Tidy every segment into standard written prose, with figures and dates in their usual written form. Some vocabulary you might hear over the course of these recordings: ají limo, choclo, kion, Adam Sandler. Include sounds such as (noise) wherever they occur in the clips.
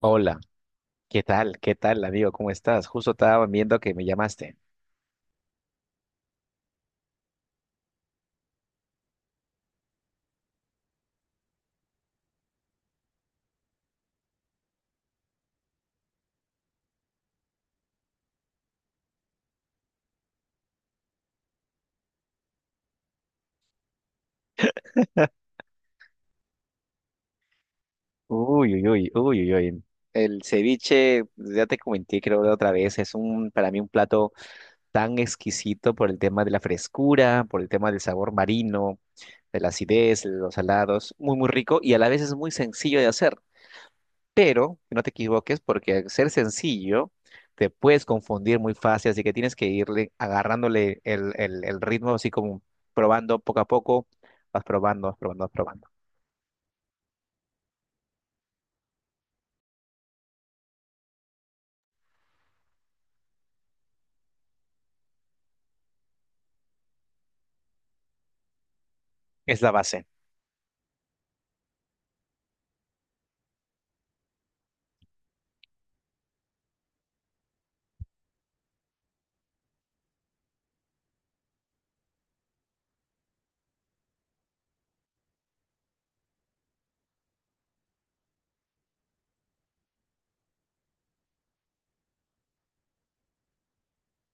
Hola, ¿qué tal? ¿Qué tal, amigo? ¿Cómo estás? Justo estaba viendo que me llamaste. (laughs) Uy, uy, uy, uy, uy, uy. El ceviche, ya te comenté, creo, la otra vez, para mí un plato tan exquisito por el tema de la frescura, por el tema del sabor marino, de la acidez, de los salados, muy, muy rico y a la vez es muy sencillo de hacer. Pero no te equivoques porque al ser sencillo te puedes confundir muy fácil, así que tienes que irle agarrándole el ritmo así como probando poco a poco, vas probando, vas probando, vas probando. Es la base.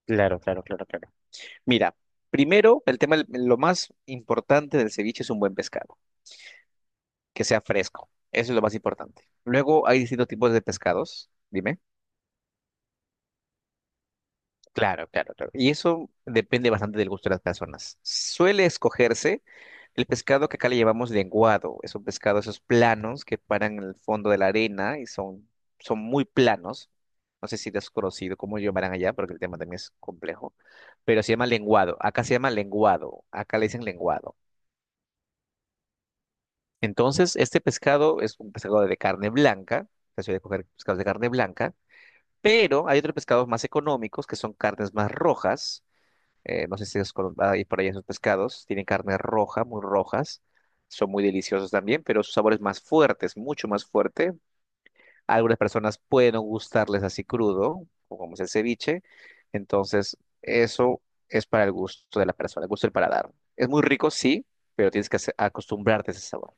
Claro, claro, claro, claro. Mira, primero, el tema, lo más importante del ceviche es un buen pescado, que sea fresco. Eso es lo más importante. Luego hay distintos tipos de pescados, dime. Claro, claro, claro. Y eso depende bastante del gusto de las personas. Suele escogerse. El pescado que acá le llevamos lenguado, es un pescado, esos planos que paran en el fondo de la arena y son muy planos. No sé si te has conocido cómo lo llamarán allá, porque el tema también es complejo, pero se llama lenguado. Acá se llama lenguado, acá le dicen lenguado. Entonces, este pescado es un pescado de carne blanca, se suele coger pescados de carne blanca, pero hay otros pescados más económicos que son carnes más rojas. No sé si es con- hay por ahí esos pescados. Tienen carne roja, muy rojas. Son muy deliciosos también, pero su sabor es más fuerte, es mucho más fuerte. A algunas personas pueden no gustarles así crudo, o como es el ceviche. Entonces, eso es para el gusto de la persona, el gusto del paladar. Es muy rico, sí, pero tienes que ace- acostumbrarte a ese sabor.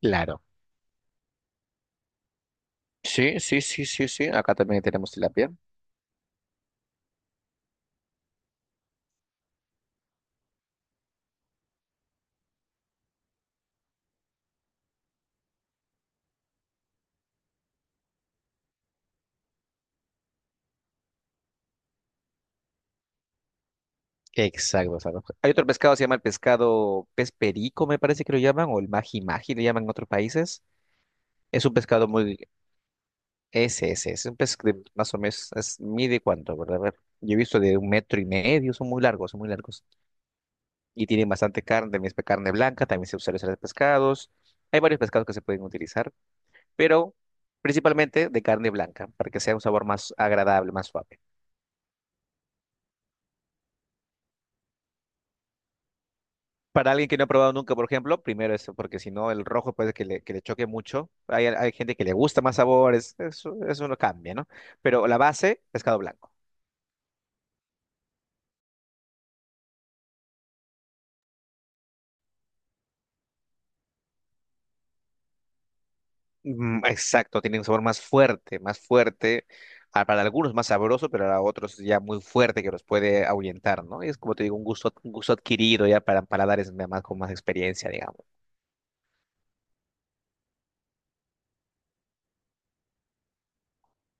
Claro, sí, sí, sí, sí, sí. Acá también tenemos tilapia. Exacto, exacto. Hay otro pescado, se llama el pescado pez perico, me parece que lo llaman, o el magi magi, le llaman en otros países. Es un pescado muy... Ese, es un pez de más o menos, es, mide cuánto, ¿verdad? A ver, yo he visto de un metro y medio, son muy largos, son muy largos. Y tienen bastante carne, también es carne blanca, también se usa en los pescados. Hay varios pescados que se pueden utilizar, pero principalmente de carne blanca, para que sea un sabor más agradable, más suave. Para alguien que no ha probado nunca, por ejemplo, primero eso, porque si no, el rojo puede que le choque mucho. Hay gente que le gusta más sabores, eso no cambia, ¿no? Pero la base, pescado blanco. Exacto, tiene un sabor más fuerte, ah, para algunos más sabroso, pero para otros ya muy fuerte que los puede ahuyentar, ¿no? Y es como te digo, un gusto, un gusto adquirido ya para paladares de más con más experiencia, digamos.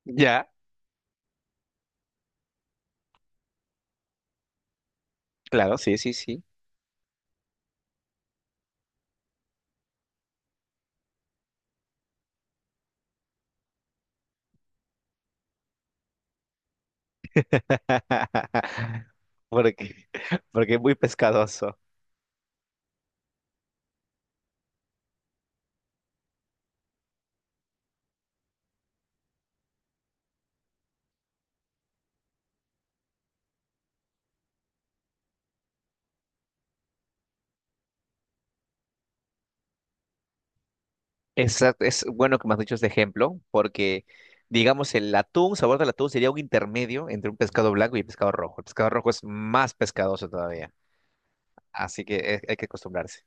Ya, claro, sí, sí, sí. (laughs) Porque, porque es muy pescadoso. Exacto, es bueno que me has dicho este ejemplo, porque digamos el atún, sabor del atún sería un intermedio entre un pescado blanco y pescado rojo. El pescado rojo es más pescadoso todavía, así que hay que acostumbrarse.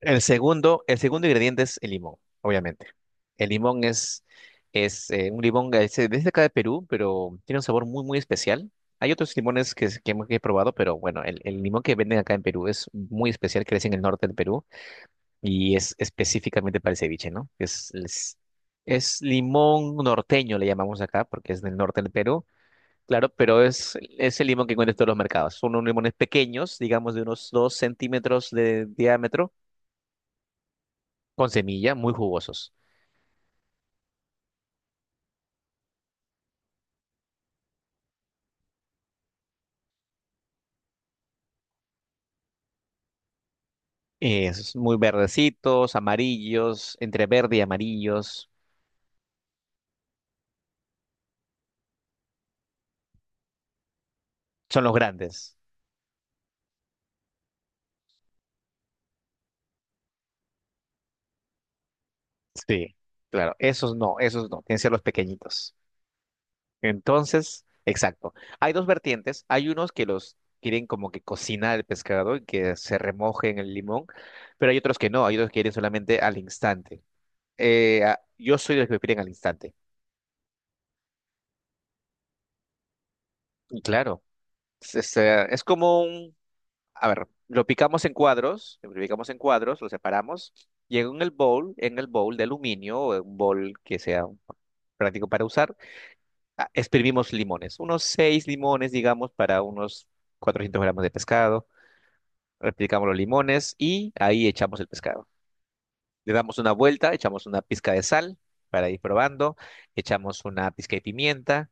El segundo ingrediente es el limón, obviamente. El limón es un limón que es de acá de Perú, pero tiene un sabor muy, muy especial. Hay otros limones que, que he probado, pero bueno, el limón que venden acá en Perú es muy especial, crece en el norte del Perú y es específicamente para el ceviche, ¿no? Es limón norteño, le llamamos acá, porque es del norte del Perú, claro, pero es el limón que encuentras en todos los mercados. Son unos limones pequeños, digamos de unos 2 centímetros de diámetro con semilla, muy jugosos. Es muy verdecitos, amarillos, entre verde y amarillos. Son los grandes. Sí, claro. Esos no, esos no. Tienen que ser los pequeñitos. Entonces, exacto. Hay dos vertientes. Hay unos que los quieren como que cocinar el pescado y que se remoje en el limón, pero hay otros que no. Hay otros que quieren solamente al instante. Yo soy de los que lo quieren al instante. Y claro, es como un. A ver, lo picamos en cuadros, lo separamos y en el bowl de aluminio o en un bowl que sea práctico para usar, exprimimos limones, unos seis limones, digamos, para unos 400 gramos de pescado. Replicamos los limones y ahí echamos el pescado. Le damos una vuelta, echamos una pizca de sal para ir probando, echamos una pizca de pimienta,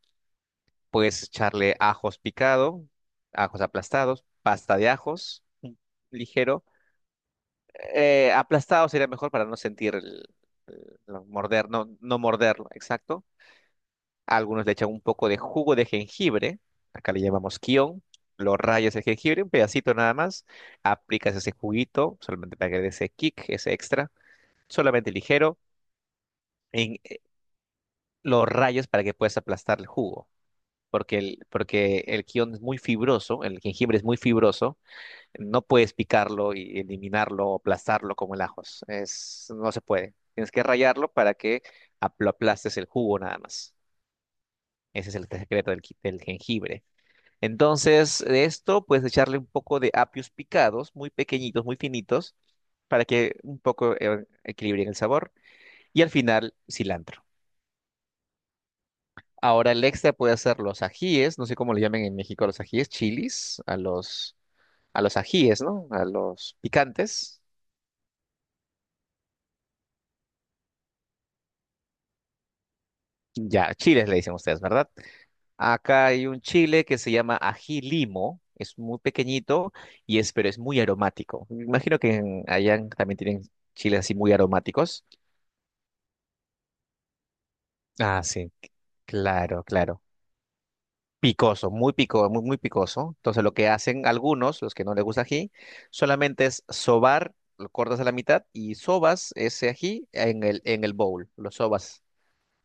puedes echarle ajos picado, ajos aplastados, pasta de ajos, un ligero aplastado sería mejor para no sentir el, no, no morderlo, exacto. A algunos le echan un poco de jugo de jengibre, acá le llamamos kion, lo rayas el jengibre, un pedacito nada más, aplicas ese juguito, solamente para que dé ese kick, ese extra, solamente ligero, en, eh, lo rayas para que puedas aplastar el jugo, porque porque el kion es muy fibroso, el jengibre es muy fibroso. No puedes picarlo y eliminarlo o aplastarlo como el ajos. Es, no se puede. Tienes que rallarlo para que lo aplastes el jugo nada más. Ese es el secreto del jengibre. Entonces, de esto puedes echarle un poco de apios picados, muy pequeñitos, muy finitos, para que un poco equilibren el sabor. Y al final, cilantro. Ahora el extra puede hacer los ajíes, no sé cómo le llaman en México a los ajíes, chilis, a los ajíes, ¿no? A los picantes. Ya, chiles le dicen ustedes, ¿verdad? Acá hay un chile que se llama ají limo, es muy pequeñito y es, pero es muy aromático. Me imagino que allá también tienen chiles así muy aromáticos. Ah, sí, claro, claro. Picoso, muy pico, muy, muy picoso. Entonces lo que hacen algunos, los que no les gusta ají, solamente es sobar, lo cortas a la mitad y sobas ese ají en el bowl, lo sobas.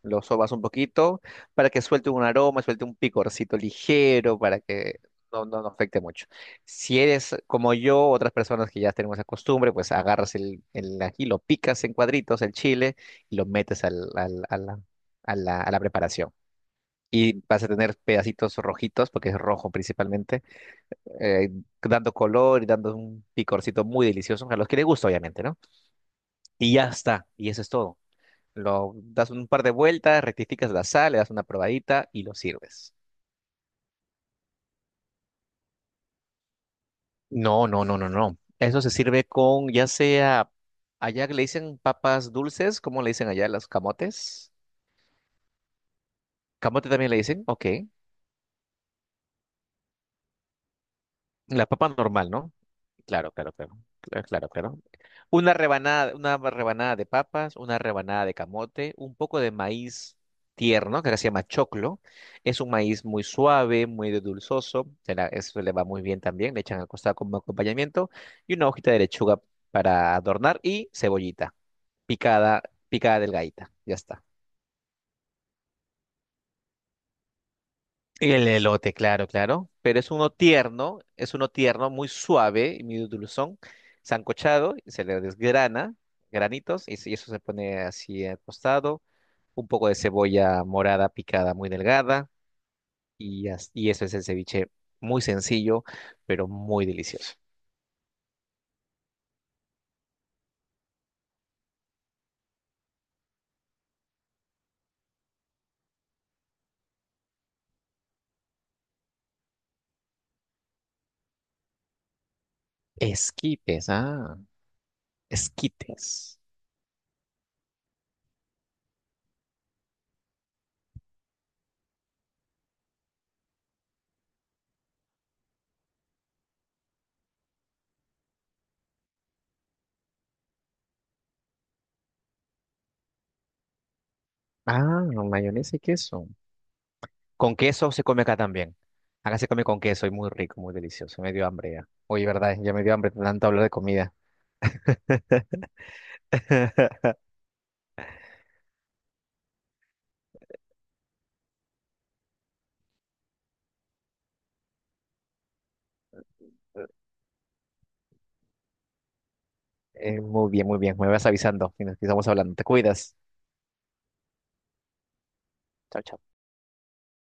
Lo sobas un poquito para que suelte un aroma, suelte un picorcito ligero, para que no afecte mucho. Si eres como yo, otras personas que ya tenemos esa costumbre, pues agarras el ají, lo picas en cuadritos, el chile, y lo metes a la preparación. Y vas a tener pedacitos rojitos, porque es rojo principalmente, eh, dando color y dando un picorcito muy delicioso, a los que les gusta, obviamente, ¿no? Y ya está, y eso es todo. Lo das un par de vueltas, rectificas la sal, le das una probadita y lo sirves. No, no, no, no, no. Eso se sirve con, ya sea, allá le dicen papas dulces, ¿cómo le dicen allá las camotes? Camote también le dicen, ok. La papa normal, ¿no? Claro, claro, claro. Claro, claro. Una rebanada de papas, una rebanada de camote, un poco de maíz tierno, que acá se llama choclo. Es un maíz muy suave, muy dulzoso. Eso le va muy bien también. Le echan al costado como acompañamiento. Y una hojita de lechuga para adornar y cebollita picada, picada delgadita. Ya está. El elote, claro, claro. Pero es uno tierno, muy suave y muy dulzón, sancochado, y se le desgrana, granitos, y eso se pone así al costado. Un poco de cebolla morada picada muy delgada, y eso es el ceviche muy sencillo, pero muy delicioso. Esquites, ah, esquites. Ah, mayonesa y queso. Con queso se come acá también. Acá se come con queso y muy rico, muy delicioso. Me dio hambre ya. Oye, verdad, ya me dio hambre tanto hablar de comida. (laughs) Muy bien, muy bien. Me vas avisando y nos estamos hablando. Te cuidas. Chao, chao.